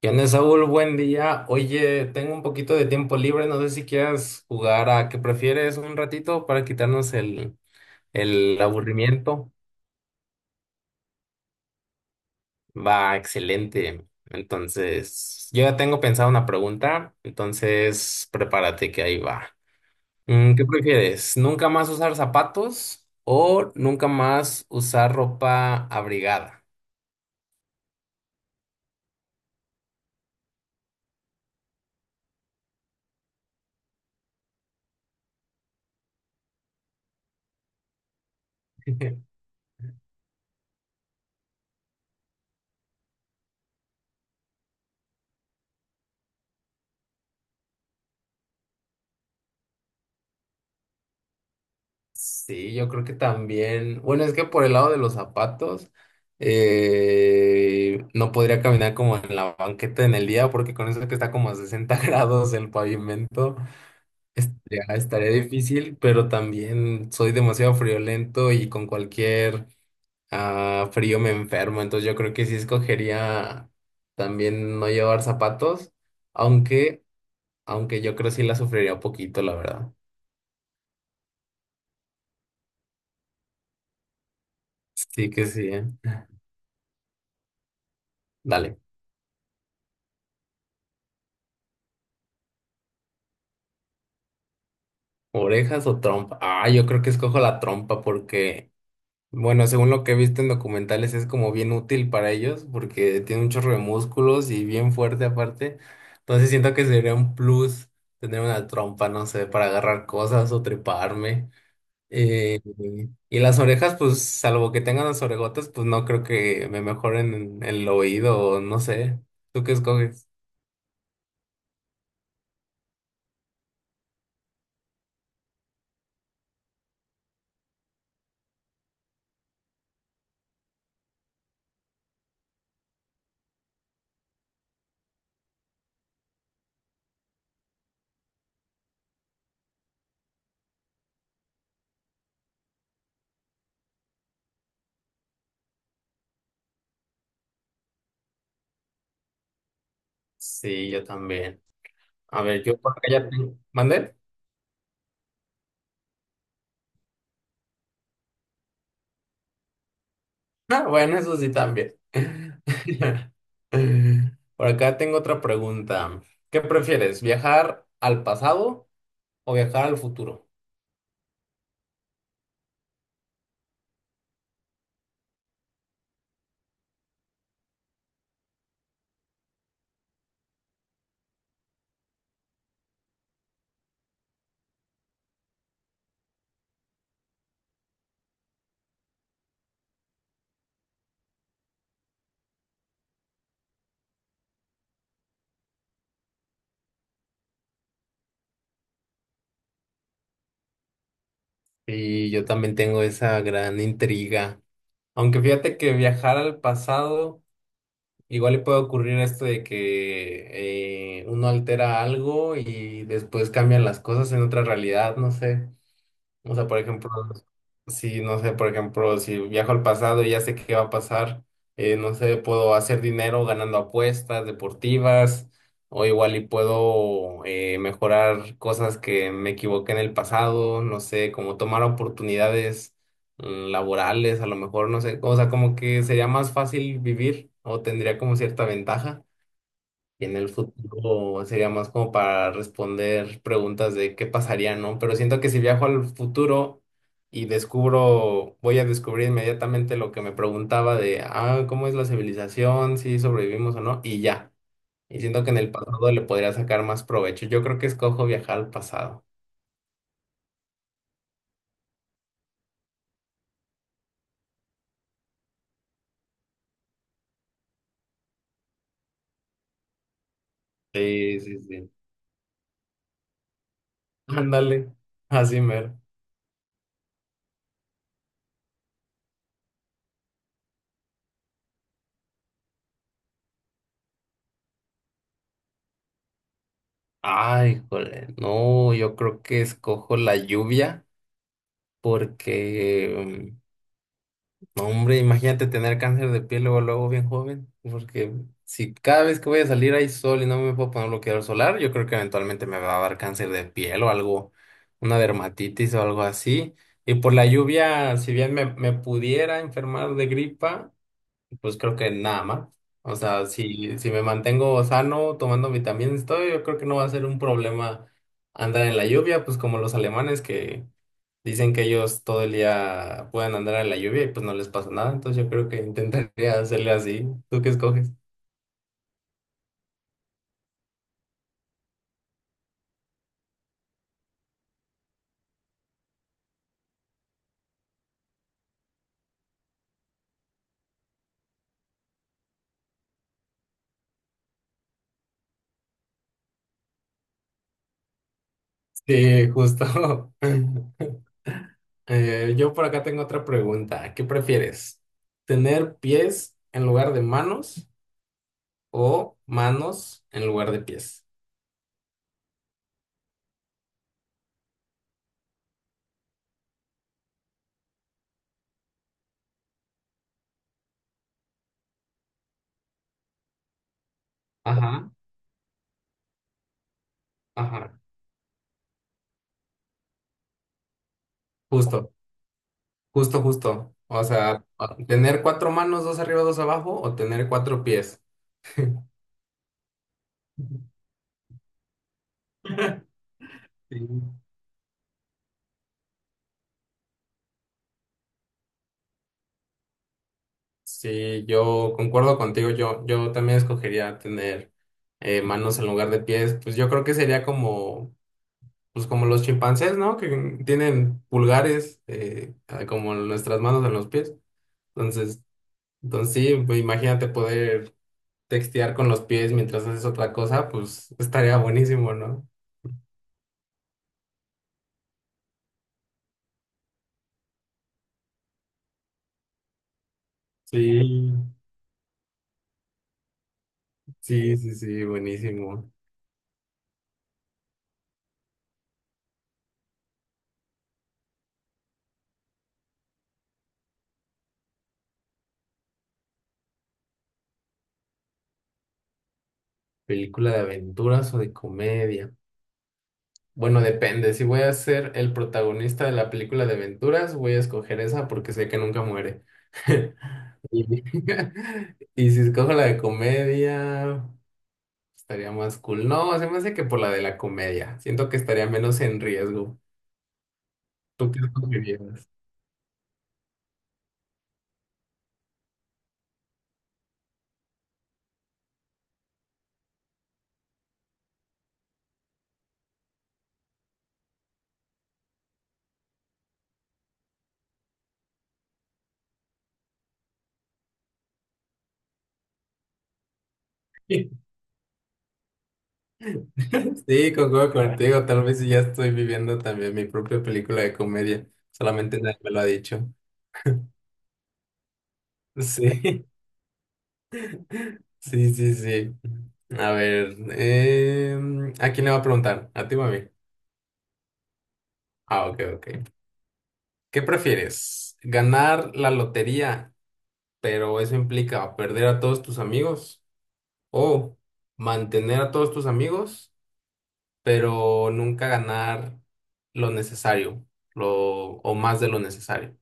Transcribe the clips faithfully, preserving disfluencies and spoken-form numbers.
¿Qué onda, Saúl? Buen día. Oye, tengo un poquito de tiempo libre. No sé si quieras jugar a qué prefieres un ratito para quitarnos el, el aburrimiento. Va, excelente. Entonces, yo ya tengo pensada una pregunta. Entonces, prepárate que ahí va. Mm, ¿Qué prefieres? ¿Nunca más usar zapatos o nunca más usar ropa abrigada? Sí, yo creo que también. Bueno, es que por el lado de los zapatos, eh, no podría caminar como en la banqueta en el día, porque con eso que está como a sesenta grados el pavimento, estaría, estaría difícil, pero también soy demasiado friolento y con cualquier ah, frío me enfermo. Entonces yo creo que sí escogería también no llevar zapatos, aunque, aunque yo creo que sí la sufriría un poquito, la verdad. Sí que sí, ¿eh? Dale. ¿Orejas o trompa? Ah, yo creo que escojo la trompa porque, bueno, según lo que he visto en documentales es como bien útil para ellos porque tiene un chorro de músculos y bien fuerte aparte. Entonces siento que sería un plus tener una trompa, no sé, para agarrar cosas o treparme. Eh, y las orejas, pues salvo que tengan las orejotas, pues no creo que me mejoren en el oído o no sé. ¿Tú qué escoges? Sí, yo también. A ver, yo por porque ya tengo... ¿Mande? Ah, bueno, eso sí también. Por acá tengo otra pregunta. ¿Qué prefieres, viajar al pasado o viajar al futuro? Y yo también tengo esa gran intriga. Aunque fíjate que viajar al pasado, igual le puede ocurrir esto de que eh, uno altera algo y después cambian las cosas en otra realidad, no sé. O sea, por ejemplo, si no sé, por ejemplo, si viajo al pasado y ya sé qué va a pasar, eh, no sé, puedo hacer dinero ganando apuestas deportivas o igual y puedo eh, mejorar cosas que me equivoqué en el pasado, no sé, como tomar oportunidades mm, laborales, a lo mejor, no sé, o sea, como que sería más fácil vivir o tendría como cierta ventaja. En el futuro sería más como para responder preguntas de qué pasaría, ¿no? Pero siento que si viajo al futuro y descubro, voy a descubrir inmediatamente lo que me preguntaba de, ah, ¿cómo es la civilización? Si sobrevivimos o no, y ya. Y siento que en el pasado le podría sacar más provecho. Yo creo que escojo viajar al pasado. Sí, sí, sí. Ándale, así mero. Ay, joder. No, yo creo que escojo la lluvia porque... mm, No, hombre, imagínate tener cáncer de piel luego, luego bien joven, porque si cada vez que voy a salir hay sol y no me puedo poner bloqueador solar, yo creo que eventualmente me va a dar cáncer de piel o algo, una dermatitis o algo así. Y por la lluvia, si bien me, me pudiera enfermar de gripa, pues creo que nada más. O sea, si, si me mantengo sano, tomando vitaminas y todo, yo creo que no va a ser un problema andar en la lluvia, pues como los alemanes que dicen que ellos todo el día pueden andar en la lluvia y pues no les pasa nada, entonces yo creo que intentaría hacerle así. ¿Tú qué escoges? Sí, justo. Eh, yo por acá tengo otra pregunta. ¿Qué prefieres? ¿Tener pies en lugar de manos o manos en lugar de pies? Ajá, ajá. Justo, justo, justo. O sea, tener cuatro manos, dos arriba, dos abajo o tener cuatro pies. Sí. Sí, yo concuerdo contigo, yo, yo también escogería tener eh, manos en lugar de pies, pues yo creo que sería como, pues como los chimpancés, ¿no? Que tienen pulgares eh, como nuestras manos en los pies, entonces, entonces sí, pues imagínate poder textear con los pies mientras haces otra cosa, pues estaría buenísimo, ¿no? Sí, sí, sí, sí, buenísimo. ¿Película de aventuras o de comedia? Bueno, depende. Si voy a ser el protagonista de la película de aventuras, voy a escoger esa porque sé que nunca muere. Y, y si escojo la de comedia, estaría más cool. No, se me hace que por la de la comedia. Siento que estaría menos en riesgo. ¿Tú qué escogerías? Sí, concuerdo contigo. Tal vez ya estoy viviendo también mi propia película de comedia. Solamente nadie me lo ha dicho. Sí. Sí, sí, sí. A ver, em, ¿a quién le va a preguntar? ¿A ti o a mí? Ah, ok, ok. ¿Qué prefieres? ¿Ganar la lotería, pero eso implica perder a todos tus amigos? ¿O mantener a todos tus amigos, pero nunca ganar lo necesario, lo, o más de lo necesario?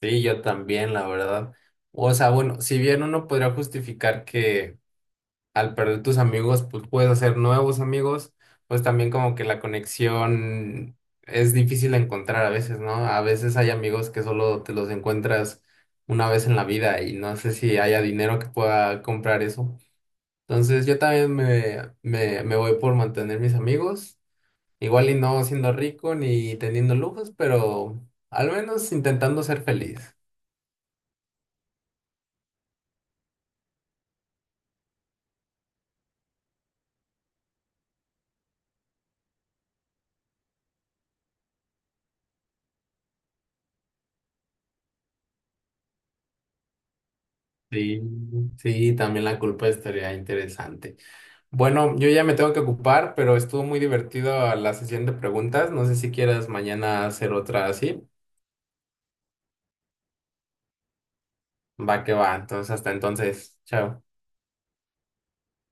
Sí, yo también, la verdad. O sea, bueno, si bien uno podría justificar que... al perder tus amigos, pues puedes hacer nuevos amigos, pues también como que la conexión es difícil de encontrar a veces, ¿no? A veces hay amigos que solo te los encuentras una vez en la vida y no sé si haya dinero que pueda comprar eso. Entonces yo también me, me, me voy por mantener mis amigos, igual y no siendo rico ni teniendo lujos, pero al menos intentando ser feliz. Sí, sí, también la culpa estaría interesante. Bueno, yo ya me tengo que ocupar, pero estuvo muy divertido la sesión de preguntas. No sé si quieras mañana hacer otra así. Va que va. Entonces, hasta entonces. Chao.